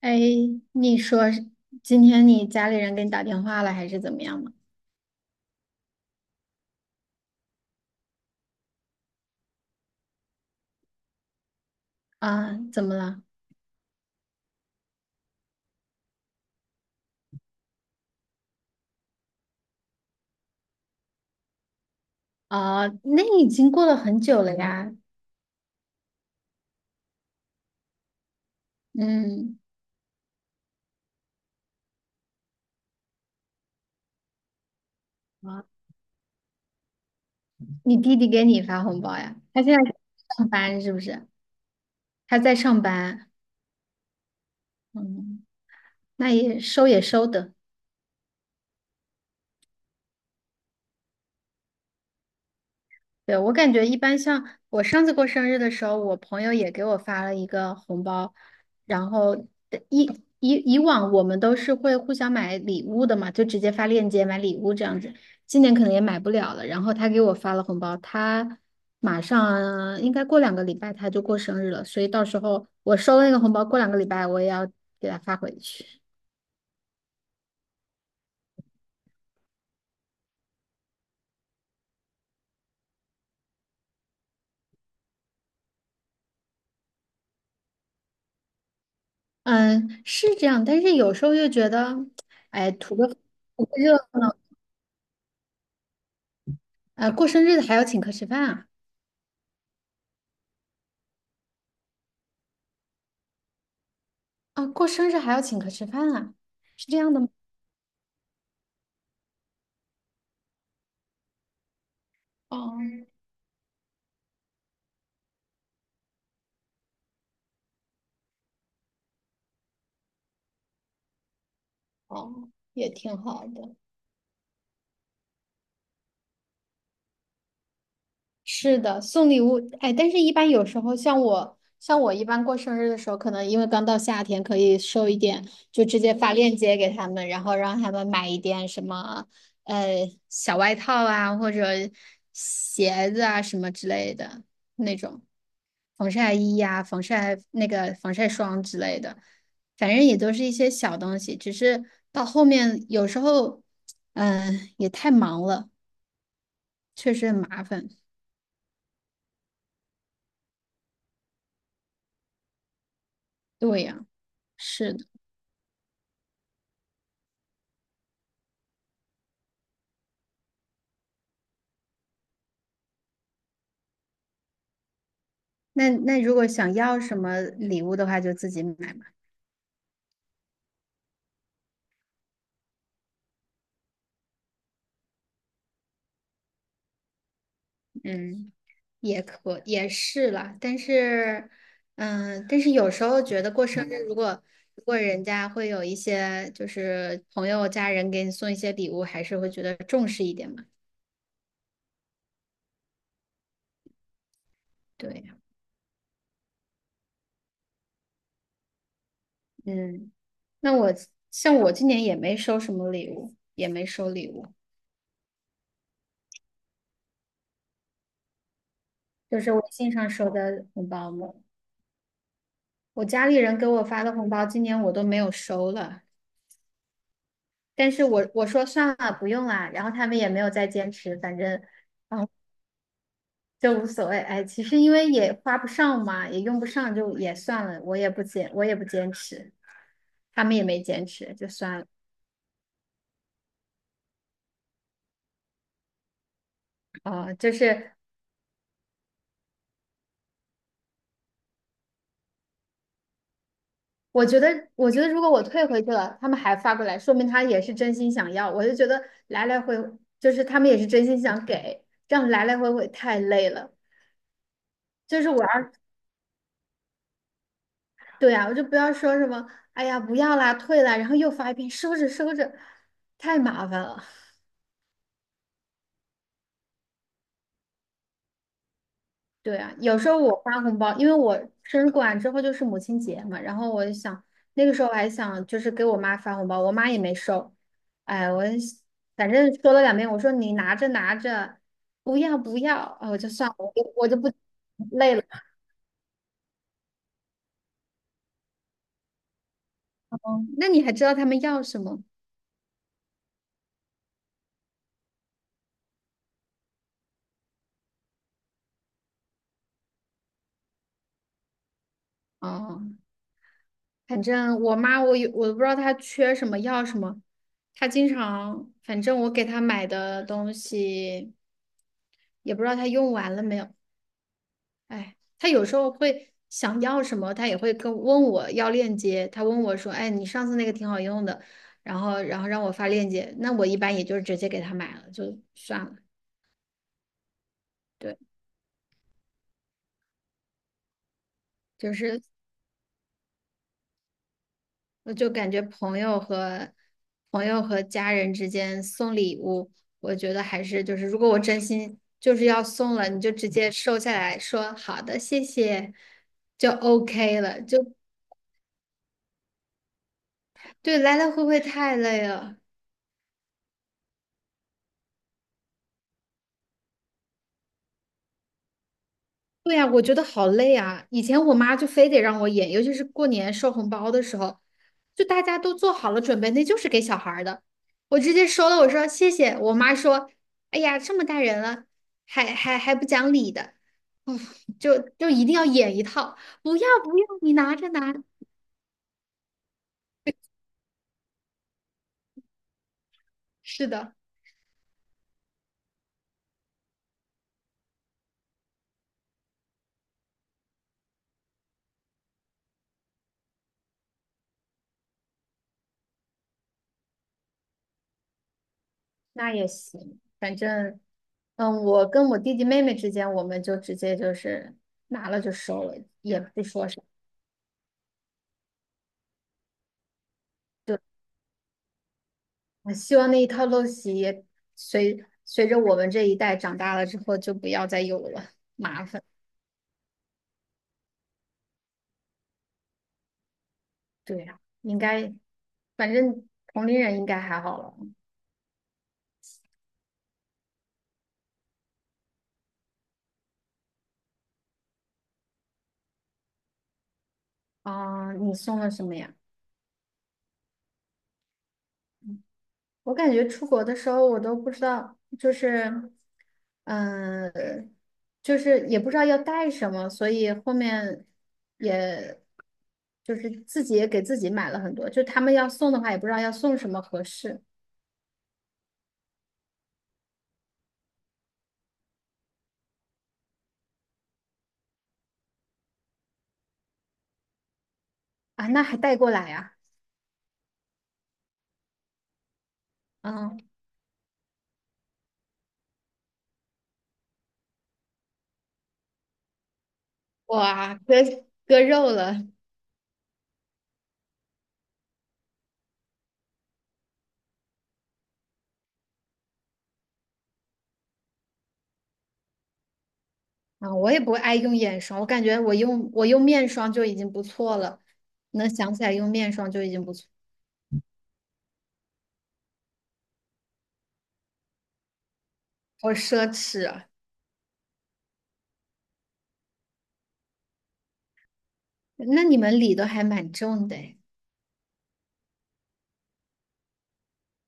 哎，你说是今天你家里人给你打电话了，还是怎么样吗？啊，怎么了？啊，那已经过了很久了呀。嗯，啊，你弟弟给你发红包呀？他现在上班是不是？他在上班。嗯，那也收也收的。对，我感觉一般像我上次过生日的时候，我朋友也给我发了一个红包，然后呃以以往我们都是会互相买礼物的嘛，就直接发链接买礼物这样子。今年可能也买不了了，然后他给我发了红包，他马上应该过两个礼拜他就过生日了，所以到时候我收了那个红包，过两个礼拜我也要给他发回去。嗯，是这样，但是有时候又觉得，哎，图个热闹，过生日还要请客吃饭啊。啊，过生日还要请客吃饭啊？是这样的吗？哦哦，也挺好的。是的，送礼物，哎，但是一般有时候像我，像我一般过生日的时候，可能因为刚到夏天，可以收一点，就直接发链接给他们，然后让他们买一点什么，呃，小外套啊，或者鞋子啊什么之类的那种，防晒衣呀、防晒那个防晒霜之类的，反正也都是一些小东西，只是到后面有时候，嗯、也太忙了，确实很麻烦。对呀、是的。那如果想要什么礼物的话，就自己买嘛。嗯，也可也是啦，但是，嗯，但是有时候觉得过生日，如果人家会有一些就是朋友家人给你送一些礼物，还是会觉得重视一点嘛。对，嗯，那我像我今年也没收什么礼物，也没收礼物，就是微信上收的红包嘛。我家里人给我发的红包，今年我都没有收了。但是我说算了，不用啦，然后他们也没有再坚持，反正，嗯，就无所谓。哎，其实因为也花不上嘛，也用不上，就也算了，我也不坚，我也不坚持，他们也没坚持，就算了。哦、就是我觉得，我觉得如果我退回去了，他们还发过来，说明他也是真心想要。我就觉得来来回，就是他们也是真心想给，这样来来回回太累了。就是我对呀，我就不要说什么，哎呀，不要啦，退啦，然后又发一遍，收着收着，太麻烦了。对啊，有时候我发红包，因为我生日过完之后就是母亲节嘛，然后我就想那个时候我还想就是给我妈发红包，我妈也没收，哎，我反正说了两遍，我说你拿着拿着，不要不要，啊，我就算了，我就不累了。哦，那你还知道他们要什么？哦。反正我妈我有我不知道她缺什么要什么，她经常反正我给她买的东西也不知道她用完了没有。哎，她有时候会想要什么，她也会跟问我要链接。她问我说：“哎，你上次那个挺好用的。”然后让我发链接，那我一般也就直接给她买了，就算了。对，就是我就感觉朋友和家人之间送礼物，我觉得还是就是，如果我真心就是要送了，你就直接收下来说好的，谢谢，就 OK 了。就对，来来回回太累了。对呀，我觉得好累啊！以前我妈就非得让我演，尤其是过年收红包的时候，就大家都做好了准备，那就是给小孩儿的。我直接收了，我说谢谢。我妈说：“哎呀，这么大人了，还不讲理的。”就一定要演一套，不要不要，你拿着拿。是的，那也行，反正，嗯，我跟我弟弟妹妹之间，我们就直接就是拿了就收了，也不说啥。就我希望那一套陋习也随着我们这一代长大了之后，就不要再有了，麻烦。对呀，应该，反正同龄人应该还好了。啊、你送了什么呀？我感觉出国的时候，我都不知道，就是，嗯、就是也不知道要带什么，所以后面也，就是自己也给自己买了很多，就他们要送的话，也不知道要送什么合适啊，那还带过来呀、啊嗯。哇，割肉了，啊，我也不爱用眼霜，我感觉我用面霜就已经不错了，能想起来用面霜就已经不错，好奢侈啊！那你们理都还蛮重的诶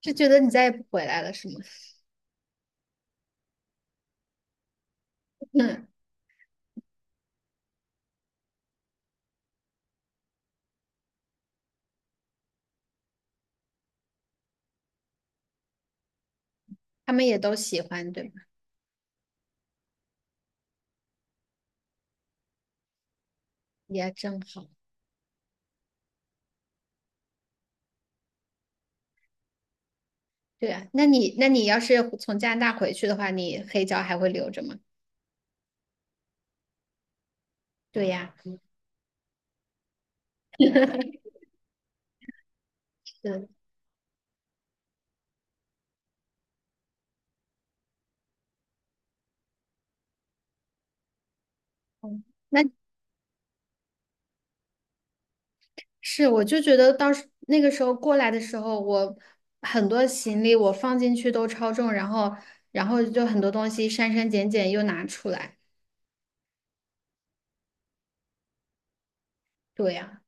就觉得你再也不回来了，是吗？嗯，他们也都喜欢，对吧？也正好，对啊。那你，那你要是从加拿大回去的话，你黑胶还会留着吗？对呀，是，嗯那是，我就觉得到时那个时候过来的时候，我很多行李我放进去都超重，然后，然后就很多东西删减又拿出来，对呀，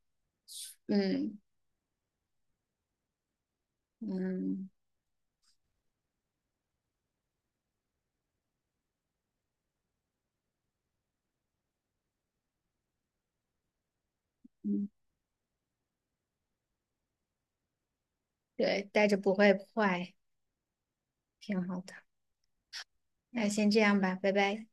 嗯嗯嗯，对，带着不会坏，挺好的。那先这样吧，拜拜。